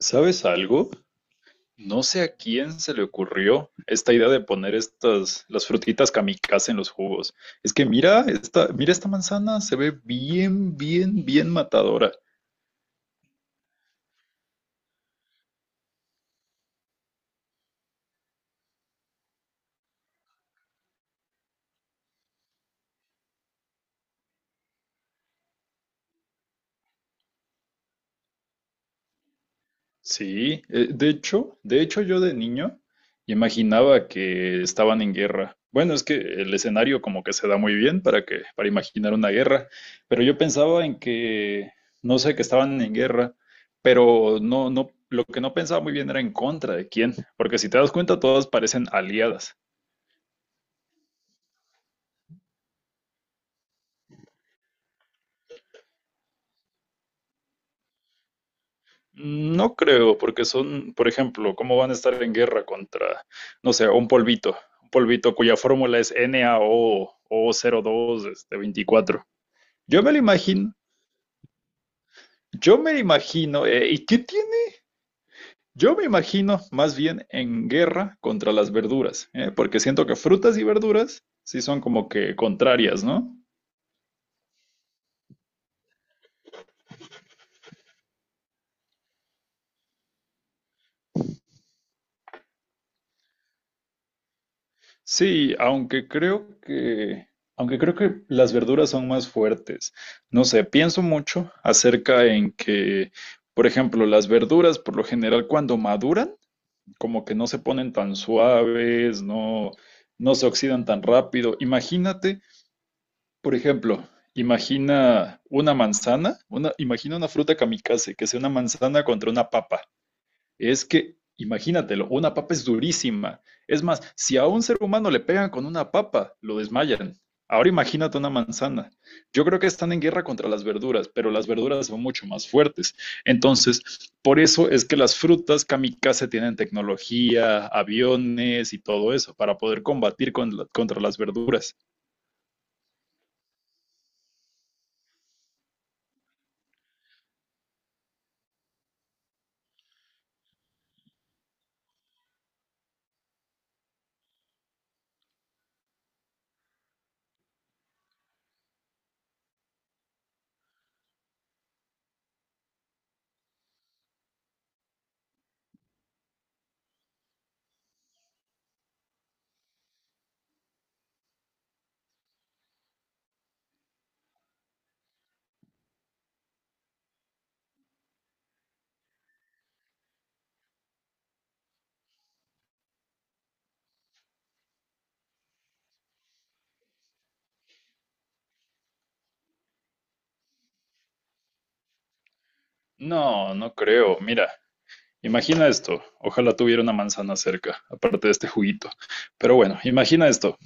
¿Sabes algo? No sé a quién se le ocurrió esta idea de poner estas, las frutitas kamikaze en los jugos. Es que mira esta manzana, se ve bien, bien, bien matadora. Sí, de hecho yo de niño imaginaba que estaban en guerra. Bueno, es que el escenario como que se da muy bien para que para imaginar una guerra, pero yo pensaba en que no sé que estaban en guerra, pero lo que no pensaba muy bien era en contra de quién, porque si te das cuenta todas parecen aliadas. No creo, porque son, por ejemplo, ¿cómo van a estar en guerra contra, no sé, un polvito? Un polvito cuya fórmula es NaO o 02 este, 24. Yo me lo imagino, yo me lo imagino, ¿y qué tiene? Yo me imagino más bien en guerra contra las verduras, porque siento que frutas y verduras sí son como que contrarias, ¿no? Sí, aunque creo que las verduras son más fuertes. No sé, pienso mucho acerca en que, por ejemplo, las verduras por lo general cuando maduran, como que no se ponen tan suaves, no, no se oxidan tan rápido. Imagínate. Por ejemplo, imagina una manzana, una, imagina una fruta kamikaze, que sea una manzana contra una papa. Es que, imagínatelo, una papa es durísima. Es más, si a un ser humano le pegan con una papa, lo desmayan. Ahora imagínate una manzana. Yo creo que están en guerra contra las verduras, pero las verduras son mucho más fuertes. Entonces, por eso es que las frutas kamikaze tienen tecnología, aviones y todo eso para poder combatir contra las verduras. No, no creo. Mira, imagina esto, ojalá tuviera una manzana cerca, aparte de este juguito. Pero bueno, imagina esto,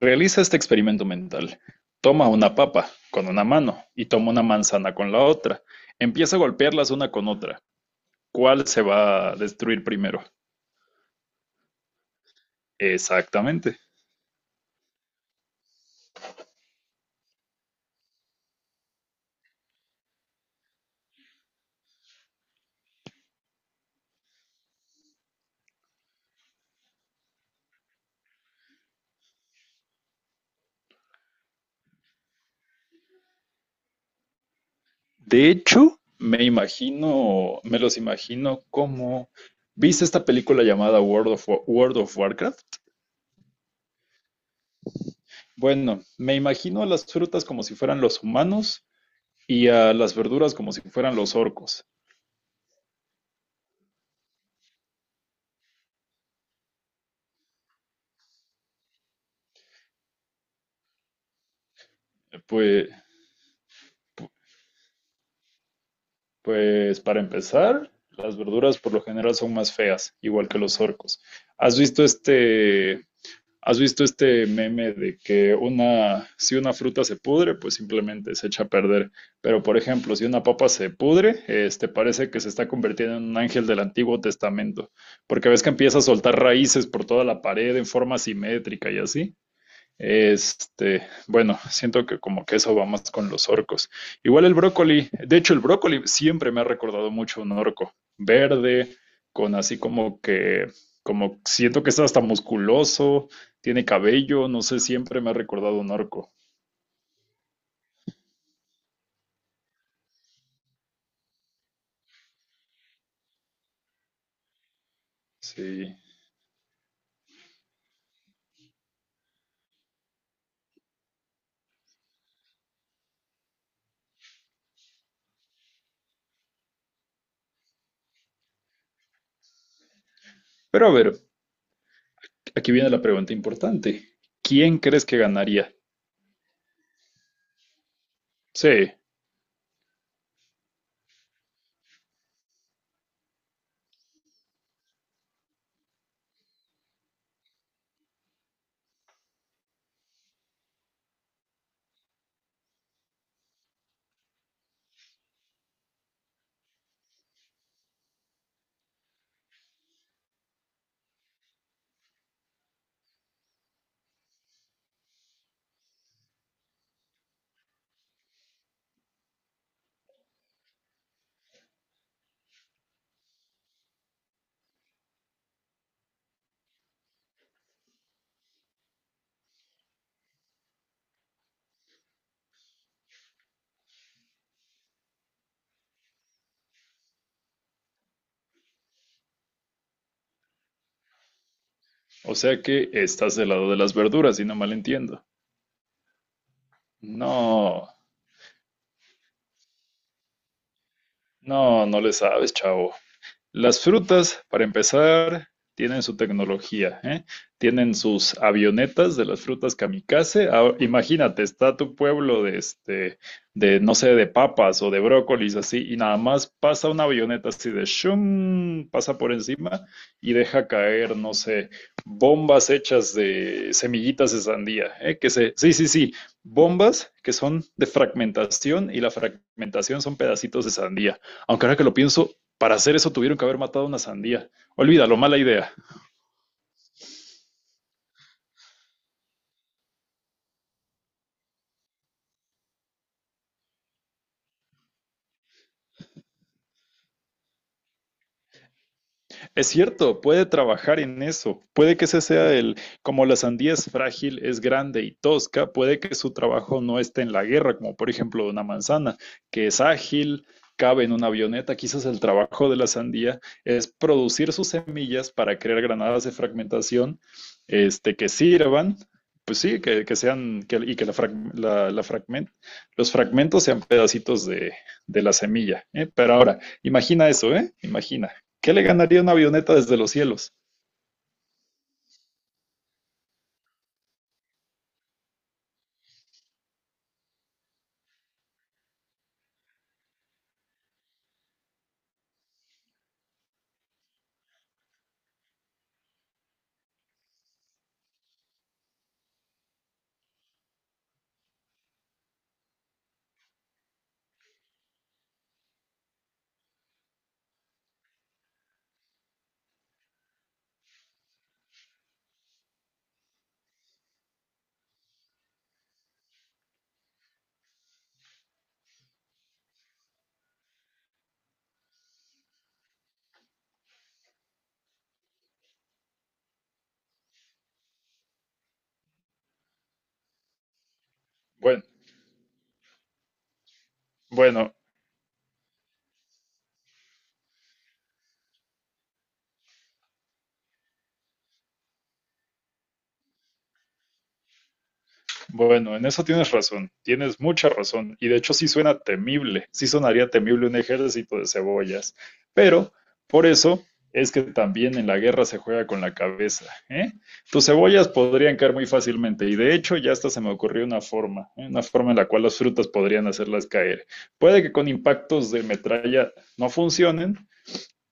realiza este experimento mental. Toma una papa con una mano y toma una manzana con la otra. Empieza a golpearlas una con otra. ¿Cuál se va a destruir primero? Exactamente. De hecho, me imagino, me los imagino como... ¿Viste esta película llamada World of Warcraft? Bueno, me imagino a las frutas como si fueran los humanos y a las verduras como si fueran los orcos. Pues, pues para empezar, las verduras por lo general son más feas, igual que los orcos. ¿Has visto has visto este meme de que una, si una fruta se pudre, pues simplemente se echa a perder? Pero por ejemplo, si una papa se pudre, este parece que se está convirtiendo en un ángel del Antiguo Testamento, porque ves que empieza a soltar raíces por toda la pared en forma simétrica y así. Este, bueno, siento que como que eso va más con los orcos. Igual el brócoli, de hecho el brócoli siempre me ha recordado mucho un orco, verde, con así como que, como siento que está hasta musculoso, tiene cabello, no sé, siempre me ha recordado un orco. Sí. Pero a ver, aquí viene la pregunta importante. ¿Quién crees que ganaría? Sí, o sea que estás del lado de las verduras, si no mal entiendo. No, no, no le sabes, chavo. Las frutas, para empezar, tienen su tecnología, ¿eh? Tienen sus avionetas de las frutas kamikaze. Ah, imagínate, está tu pueblo de este, de no sé, de papas o de brócolis así, y nada más pasa una avioneta así de shum, pasa por encima y deja caer, no sé, bombas hechas de semillitas de sandía, ¿eh? Que se, sí, sí, sí, bombas que son de fragmentación y la fragmentación son pedacitos de sandía. Aunque ahora que lo pienso, para hacer eso tuvieron que haber matado una sandía. Olvídalo, mala idea. Es cierto, puede trabajar en eso. Puede que ese sea el, como la sandía es frágil, es grande y tosca, puede que su trabajo no esté en la guerra, como por ejemplo una manzana, que es ágil, cabe en una avioneta. Quizás el trabajo de la sandía es producir sus semillas para crear granadas de fragmentación, que sirvan pues sí, y que la frag, la fragment, los fragmentos sean pedacitos de la semilla. ¿Eh? Pero ahora, imagina eso, ¿eh? Imagina. ¿Qué le ganaría una avioneta desde los cielos? Bueno, bueno, bueno, en eso tienes razón, tienes mucha razón, y de hecho sí suena temible, sí sonaría temible un ejército de cebollas, pero por eso es que también en la guerra se juega con la cabeza, ¿eh? Tus cebollas podrían caer muy fácilmente, y de hecho ya hasta se me ocurrió una forma, ¿eh? Una forma en la cual las frutas podrían hacerlas caer. Puede que con impactos de metralla no funcionen,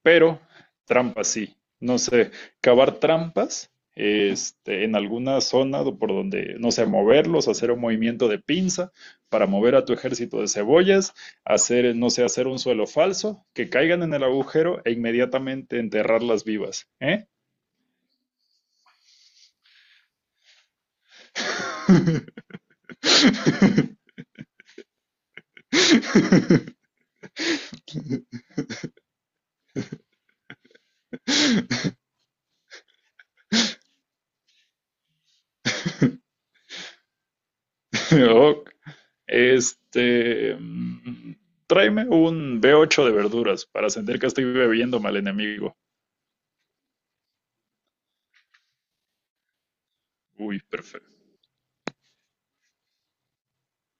pero trampas sí, no sé, cavar trampas en alguna zona por donde, no sé, moverlos, hacer un movimiento de pinza para mover a tu ejército de cebollas, hacer, no sé, hacer un suelo falso, que caigan en el agujero e inmediatamente enterrarlas vivas, ¿eh? Ok. Este, mm, tráeme un B8 de verduras para sentir que estoy bebiéndome al enemigo. Uy, perfecto.